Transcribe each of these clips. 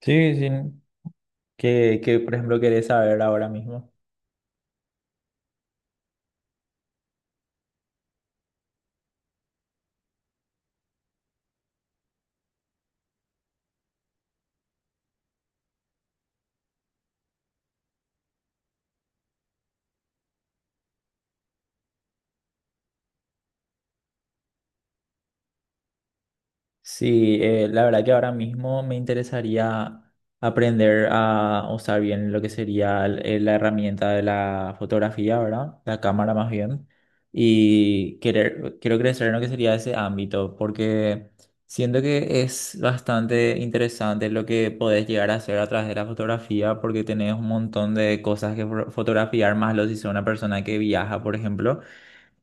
Sí, sí. Que, por ejemplo, querés saber ahora mismo. Sí, la verdad que ahora mismo me interesaría aprender a usar bien lo que sería la herramienta de la fotografía, ¿verdad? La cámara más bien. Y quiero crecer en lo que sería ese ámbito, porque siento que es bastante interesante lo que podés llegar a hacer a través de la fotografía, porque tenés un montón de cosas que fotografiar, más lo si sos una persona que viaja, por ejemplo.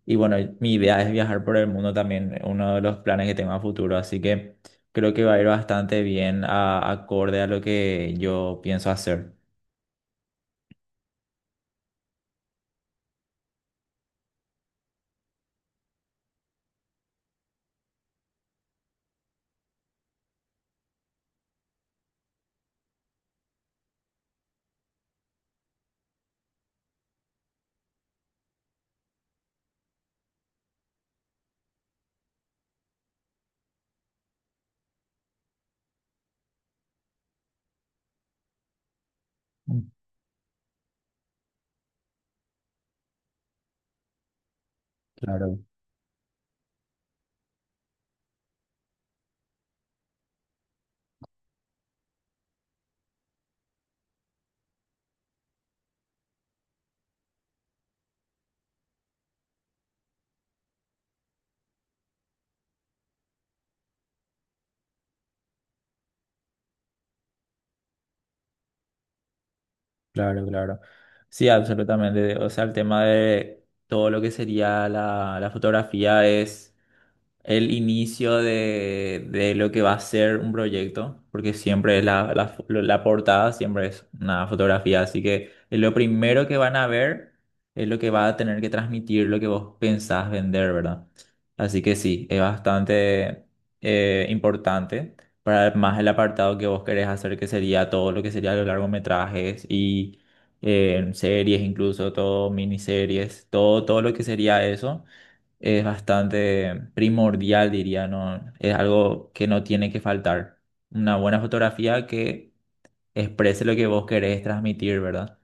Y bueno, mi idea es viajar por el mundo también, uno de los planes que tengo a futuro, así que creo que va a ir bastante bien acorde a lo que yo pienso hacer. Mm, claro, claro, claro. Sí, absolutamente. O sea, el tema de todo lo que sería la fotografía es el inicio de lo que va a ser un proyecto, porque siempre la portada siempre es una fotografía, así que es lo primero que van a ver, es lo que va a tener que transmitir lo que vos pensás vender, ¿verdad? Así que sí, es bastante importante para más el apartado que vos querés hacer, que sería todo lo que sería los largometrajes y series, incluso todo miniseries, todo lo que sería eso es bastante primordial, diría, ¿no? Es algo que no tiene que faltar. Una buena fotografía que exprese lo que vos querés transmitir, ¿verdad?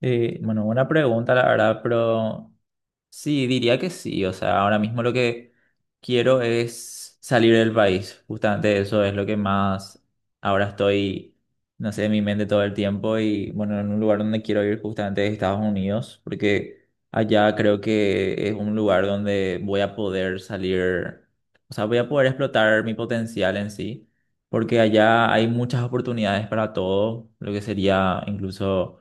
Bueno, buena pregunta, la verdad, pero sí, diría que sí. O sea, ahora mismo lo que quiero es salir del país. Justamente eso es lo que más ahora estoy, no sé, en mi mente todo el tiempo. Y bueno, en un lugar donde quiero ir justamente es Estados Unidos, porque allá creo que es un lugar donde voy a poder salir, o sea, voy a poder explotar mi potencial en sí, porque allá hay muchas oportunidades para todo, lo que sería incluso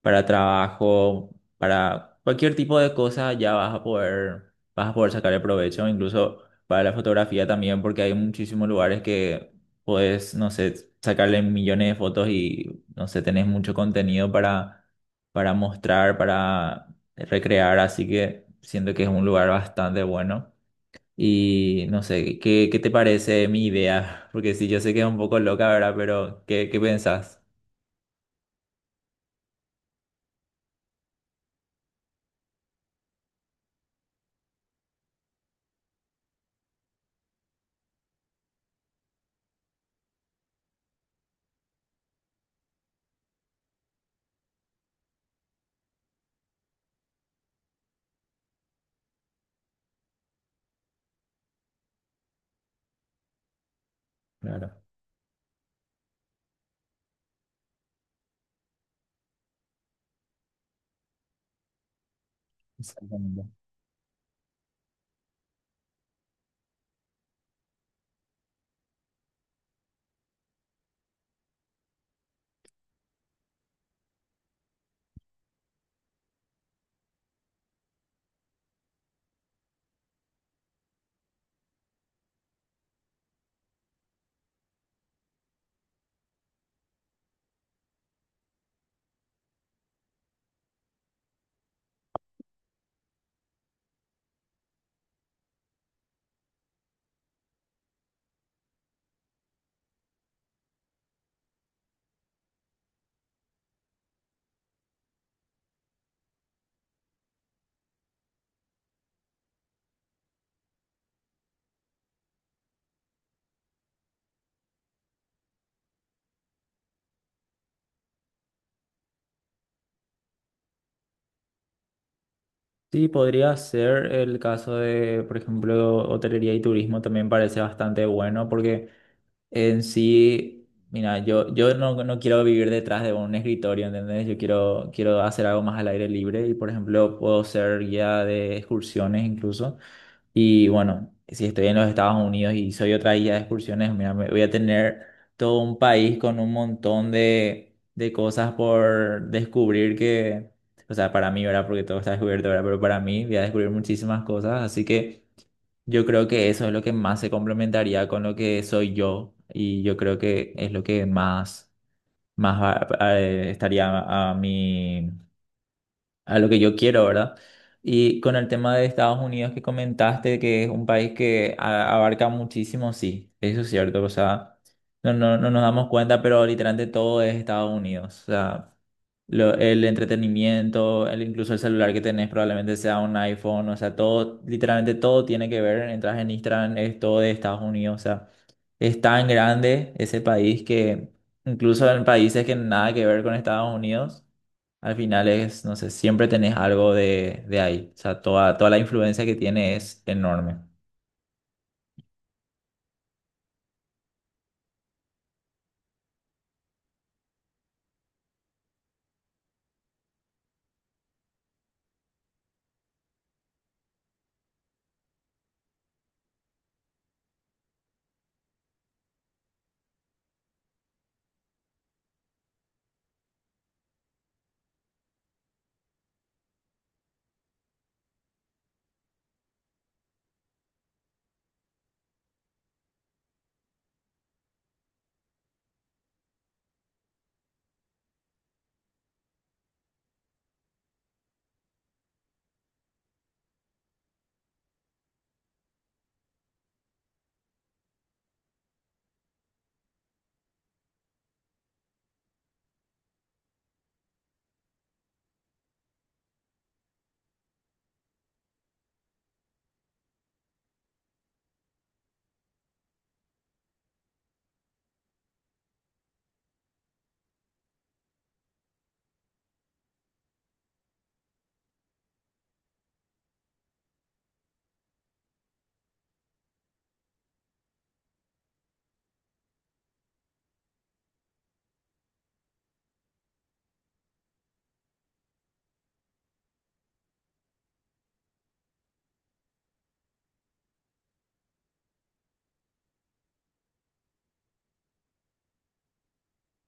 para trabajo. Para cualquier tipo de cosa ya vas a poder sacarle provecho, incluso para la fotografía también, porque hay muchísimos lugares que puedes, no sé, sacarle millones de fotos y, no sé, tenés mucho contenido para mostrar, para recrear, así que siento que es un lugar bastante bueno. Y no sé, ¿qué, qué te parece mi idea? Porque sí, yo sé que es un poco loca, ¿verdad? Pero ¿qué, qué pensás? Claro, exactamente. Sí, podría ser el caso de, por ejemplo, hotelería y turismo. También parece bastante bueno porque en sí, mira, yo no, no quiero vivir detrás de un escritorio, ¿entendés? Quiero hacer algo más al aire libre y, por ejemplo, puedo ser guía de excursiones incluso. Y bueno, si estoy en los Estados Unidos y soy otra guía de excursiones, mira, voy a tener todo un país con un montón de cosas por descubrir que, o sea, para mí, ¿verdad? Porque todo está descubierto, ¿verdad? Pero para mí voy a descubrir muchísimas cosas, así que yo creo que eso es lo que más se complementaría con lo que soy yo, y yo creo que es lo que más, más estaría a, mi, a lo que yo quiero, ¿verdad? Y con el tema de Estados Unidos que comentaste, que es un país que abarca muchísimo, sí, eso es cierto, o sea, no nos damos cuenta, pero literalmente todo es Estados Unidos, o sea, el entretenimiento, el, incluso el celular que tenés probablemente sea un iPhone, o sea, todo, literalmente todo tiene que ver, entras en Instagram, es todo de Estados Unidos, o sea, es tan grande ese país que incluso en países que nada que ver con Estados Unidos, al final es, no sé, siempre tenés algo de ahí, o sea, toda la influencia que tiene es enorme,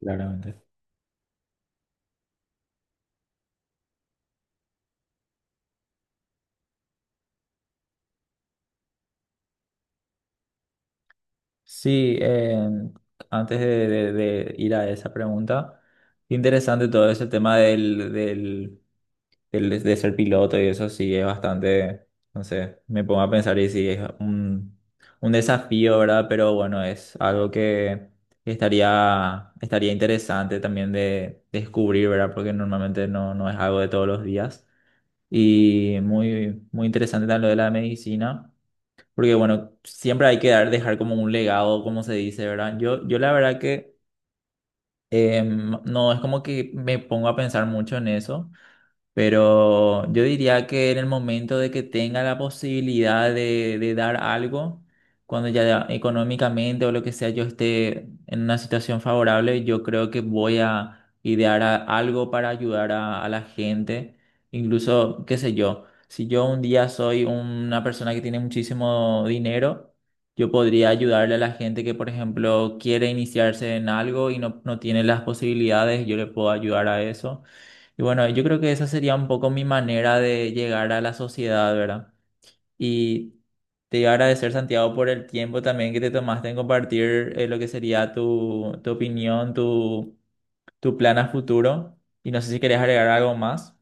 claramente. Sí, antes de ir a esa pregunta, interesante todo ese tema de ser piloto y eso sí es bastante, no sé, me pongo a pensar y sí es un desafío, ¿verdad? Pero bueno, es algo que estaría interesante también de descubrir, ¿verdad? Porque normalmente no, no es algo de todos los días. Y muy, muy interesante también lo de la medicina. Porque bueno, siempre hay que dejar como un legado, como se dice, ¿verdad? Yo la verdad que no es como que me pongo a pensar mucho en eso. Pero yo diría que en el momento de que tenga la posibilidad de dar algo, cuando ya económicamente o lo que sea yo esté en una situación favorable, yo creo que voy a idear algo para ayudar a la gente. Incluso, qué sé yo, si yo un día soy una persona que tiene muchísimo dinero, yo podría ayudarle a la gente que, por ejemplo, quiere iniciarse en algo y no, no tiene las posibilidades, yo le puedo ayudar a eso. Y bueno, yo creo que esa sería un poco mi manera de llegar a la sociedad, ¿verdad? Y te iba a agradecer, Santiago, por el tiempo también que te tomaste en compartir lo que sería tu, tu opinión, tu plan a futuro. Y no sé si querías agregar algo más.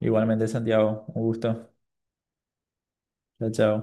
Igualmente, Santiago, un gusto. Chao, chao.